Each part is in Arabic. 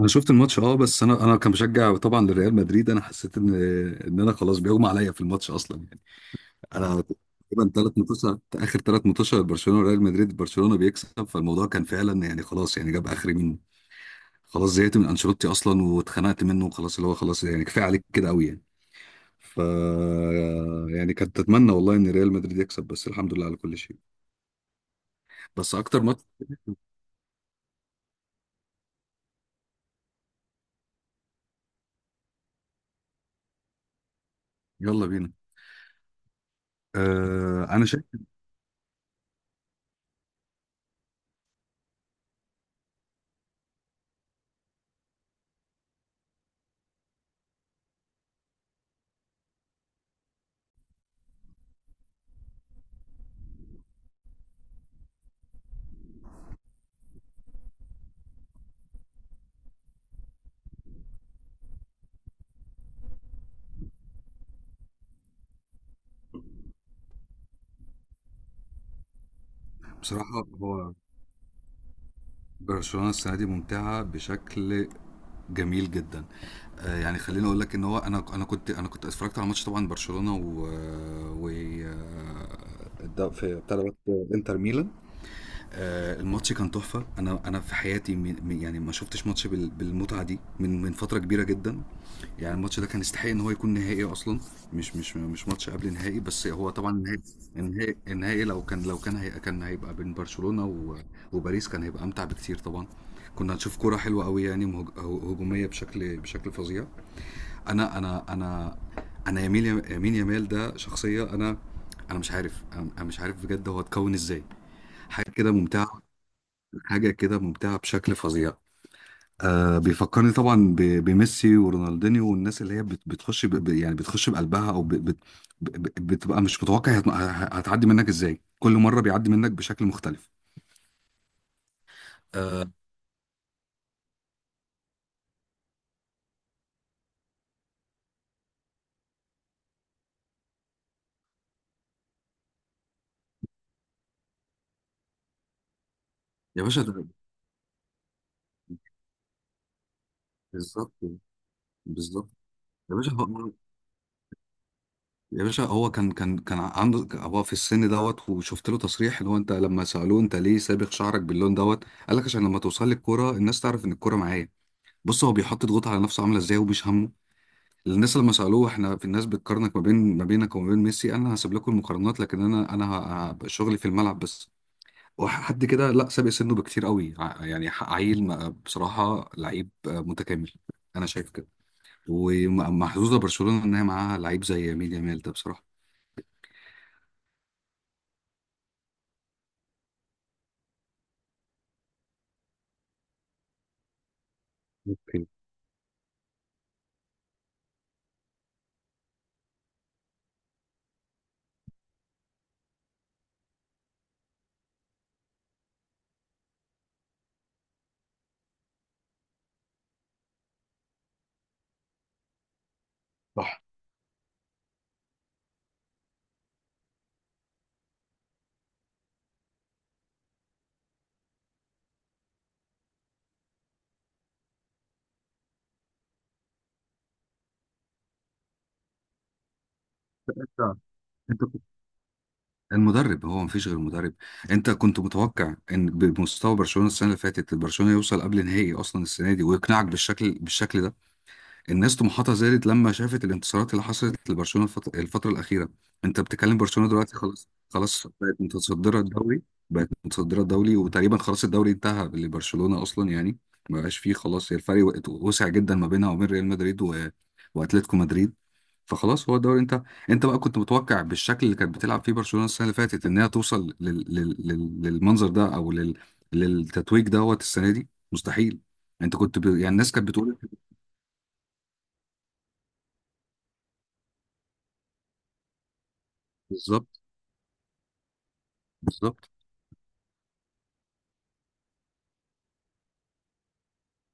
انا شفت الماتش، بس انا كان بشجع طبعا لريال مدريد. انا حسيت ان انا خلاص بيغمى عليا في الماتش اصلا يعني. انا تقريبا ثلاث ماتشات اخر ثلاث ماتشات برشلونه وريال مدريد برشلونه بيكسب، فالموضوع كان فعلا، يعني خلاص، يعني جاب اخري منه. خلاص زهقت من انشيلوتي اصلا واتخنقت منه، وخلاص اللي هو خلاص يعني كفايه عليك كده قوي يعني. ف يعني كنت اتمنى والله ان ريال مدريد يكسب، بس الحمد لله على كل شيء. بس اكتر ماتش. يلا بينا. انا شايف. بصراحه، هو برشلونه السنه دي ممتعه بشكل جميل جدا. يعني خليني اقول لك ان هو انا كنت اتفرجت على ماتش طبعا برشلونة و في بتاع دوت. انتر ميلان. الماتش كان تحفة. أنا في حياتي، يعني ما شفتش ماتش بالمتعة دي من فترة كبيرة جدا. يعني الماتش ده كان يستحق إن هو يكون نهائي أصلا، مش ماتش قبل نهائي، بس هو طبعا النهائي. النهائي لو كان هي كان هيبقى بين برشلونة و- وباريس كان هيبقى أمتع بكتير طبعا. كنا هنشوف كرة حلوة قوي، يعني هجومية بشكل فظيع. أنا. أنا يمال ده شخصية. أنا انا مش عارف، أنا مش عارف بجد هو اتكون ازاي. حاجه كده ممتعه حاجة كده ممتعة بشكل فظيع. بيفكرني طبعا ب- بميسي ورونالدينيو، والناس اللي هي بتخش يعني بتخش بقلبها، او ب- بتبقى مش متوقع، هتعدي منك ازاي. كل مرة بيعدي منك بشكل مختلف. يا باشا ده. بالظبط، بالظبط. يا باشا هو يا باشا هو كان عنده هو في السن دوت، وشفت له تصريح اللي هو انت لما سألوه انت ليه سابغ شعرك باللون دوت؟ قال لك عشان لما توصل لي الكوره الناس تعرف ان الكوره معايا. بص، هو بيحط ضغوط على نفسه عامله ازاي، ومش همه. الناس لما سالوه احنا في الناس بتقارنك ما بينك وما بين ميسي، انا هسيب لكم المقارنات، لكن انا شغلي في الملعب بس. وحد كده، لا، سابق سنه بكتير قوي، يعني عيل، بصراحه لعيب متكامل. انا شايف كده. ومحظوظه برشلونه ان هي معاها لعيب زي مين يامال ده بصراحه. اوكي. صح. انت انت كنت- المدرب، هو مفيش غير المدرب. انت كنت متوقع ان بمستوى برشلونه السنه اللي فاتت برشلونه يوصل قبل نهائي اصلا السنه دي، ويقنعك بالشكل ده؟ الناس طموحاتها زادت لما شافت الانتصارات اللي حصلت لبرشلونه الفتره الاخيره. انت بتتكلم، برشلونه دلوقتي خلاص، بقت متصدره الدوري. وتقريبا خلاص الدوري انتهى لبرشلونه اصلا يعني. ما بقاش فيه خلاص، هي الفرق وسع جدا ما بينها وبين ريال مدريد و... واتلتيكو مدريد. فخلاص هو الدوري. انت بقى كنت متوقع بالشكل اللي كانت بتلعب فيه برشلونه السنه اللي فاتت ان هي توصل للمنظر ده للتتويج دوت السنه دي؟ مستحيل. انت كنت يعني الناس كانت بتقول. بالظبط، بالظبط.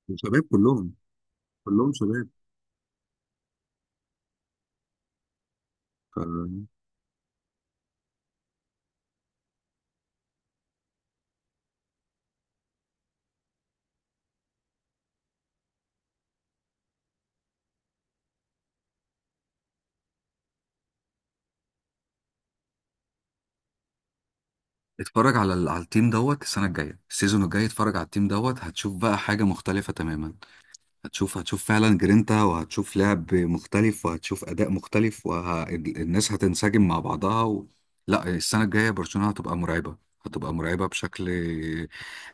وشباب كلهم، شباب. ف... اتفرج على على التيم دوت السنه الجايه، السيزون الجاي. اتفرج على التيم دوت هتشوف بقى حاجه مختلفه تماما. هتشوف فعلا جرينتا، وهتشوف لعب مختلف، وهتشوف اداء مختلف، والناس هتنسجم مع بعضها و... لا، السنه الجايه برشلونه هتبقى مرعبه. هتبقى مرعبه بشكل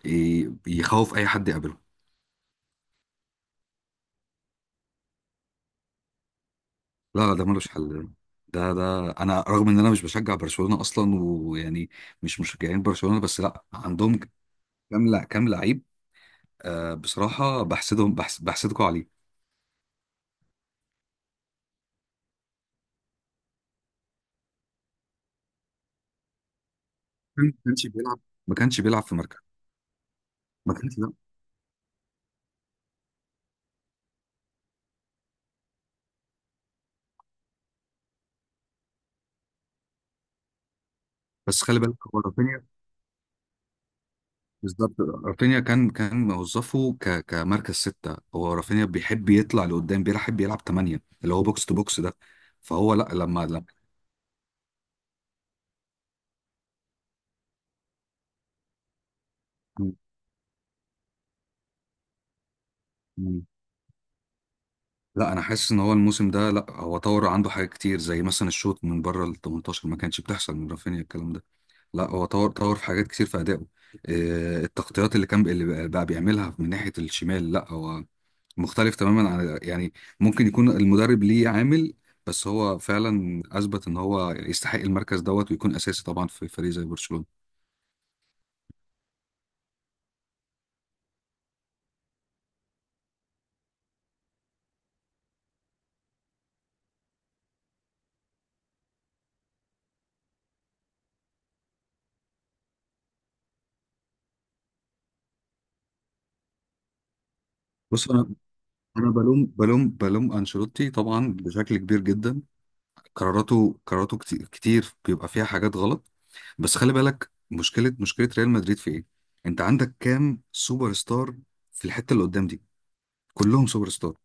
يخوف اي حد يقابله. لا لا، ده ملوش حل. ده انا رغم ان انا مش بشجع برشلونه اصلا ويعني، مش مشجعين برشلونه، بس لا، عندهم كام، لا كام لعيب. بصراحه بحسدهم، بحسدكم عليه. ما كانش بيلعب، في مركز. ما كانش، لا. بس خلي بالك هو رافينيا. بالظبط. رافينيا كان موظفه كمركز ستة. هو رافينيا بيحب يطلع لقدام، بيحب يلعب تمانية اللي هو بوكس تو بوكس ده. فهو لا، لما. مم. لا انا حاسس ان هو الموسم ده، لا، هو طور عنده حاجات كتير زي مثلا الشوط من بره ال 18 ما كانش بتحصل من رافينيا الكلام ده. لا هو طور، في حاجات كتير في ادائه. التغطيات اللي كان، اللي بقى بيعملها من ناحيه الشمال، لا هو مختلف تماما عن، يعني ممكن يكون المدرب ليه عامل. بس هو فعلا اثبت ان هو يستحق المركز دوت، ويكون اساسي طبعا في فريق زي برشلونه. بص، انا بلوم انشيلوتي طبعا بشكل كبير جدا. قراراته كتير، بيبقى فيها حاجات غلط. بس خلي بالك، مشكله ريال مدريد في ايه. انت عندك كام سوبر ستار في الحته اللي قدام دي؟ كلهم سوبر ستار،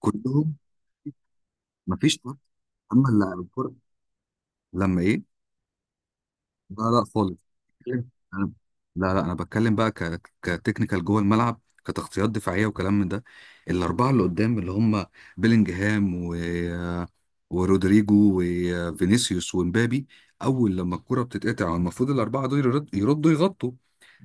كلهم. مفيش واحد. اما اللاعب الكرة، لما ايه؟ لا لا خالص. بتكلم- أنا- لا لا، انا بتكلم بقى كتكنيكال جوه الملعب، كتغطيات دفاعيه وكلام من ده. الاربعه اللي قدام اللي هم بيلينجهام و... ورودريجو وفينيسيوس ومبابي. اول لما الكره بتتقطع، المفروض الاربعه دول يردوا يغطوا.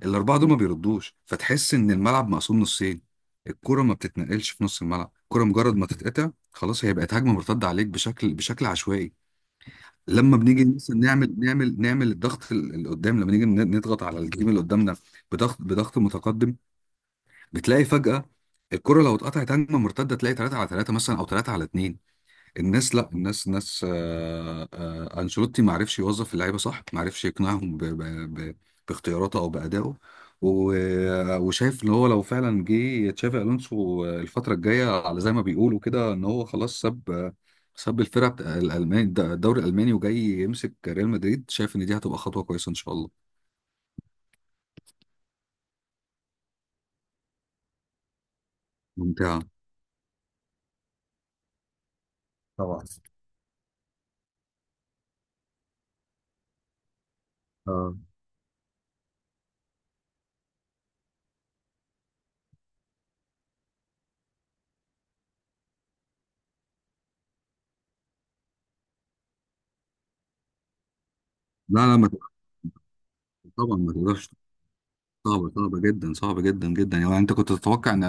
الاربعه دول ما بيردوش، فتحس ان الملعب مقسوم نصين. الكره ما بتتنقلش في نص الملعب. الكره مجرد ما تتقطع خلاص، هي بقت هجمه مرتده عليك بشكل عشوائي. لما بنيجي مثلا نعمل الضغط اللي قدام، لما نيجي نضغط على الجيم اللي قدامنا. بضغط متقدم. بتلاقي فجأة الكرة لو اتقطعت هجمة مرتدة تلاقي 3 على 3 مثلا، او 3 على 2. الناس، لا، الناس ناس. انشيلوتي ما عرفش يوظف اللعيبه صح، ما عرفش يقنعهم باختياراته او بادائه. و- وشايف ان هو لو فعلا جه تشافي الونسو الفتره الجايه، على زي ما بيقولوا كده ان هو خلاص ساب، الفرقه بتاع الالماني، الدوري الالماني، وجاي يمسك ريال مدريد. شايف ان دي هتبقى خطوه كويسه ان شاء الله. ممتعه. طبعا. اه. لا لا، ما تقدرش- طبعا ما تقدرش. صعبة، جدا، صعبة جدا جدا. يعني انت كنت تتوقع ان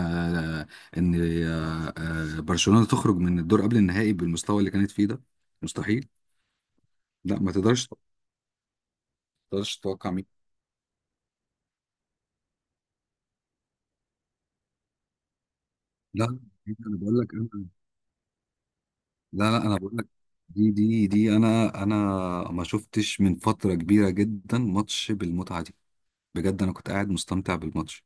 ان برشلونة تخرج من الدور قبل النهائي بالمستوى اللي كانت فيه ده؟ مستحيل. لا ما تقدرش، تتوقع مين. لا انا بقول لك. لا لا انا بقول لك، دي دي دي انا ما شفتش من فترة كبيرة جدا ماتش بالمتعة دي. بجد، انا كنت قاعد مستمتع بالماتش.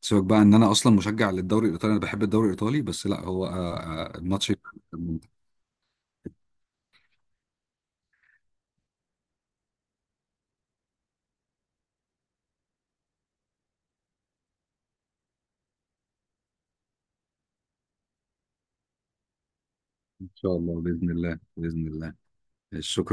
سيبك بقى ان انا اصلا مشجع للدوري الايطالي، انا بحب الدوري الايطالي، بس لا هو، الماتش ممتع. ان شاء الله، باذن الله، شكرا.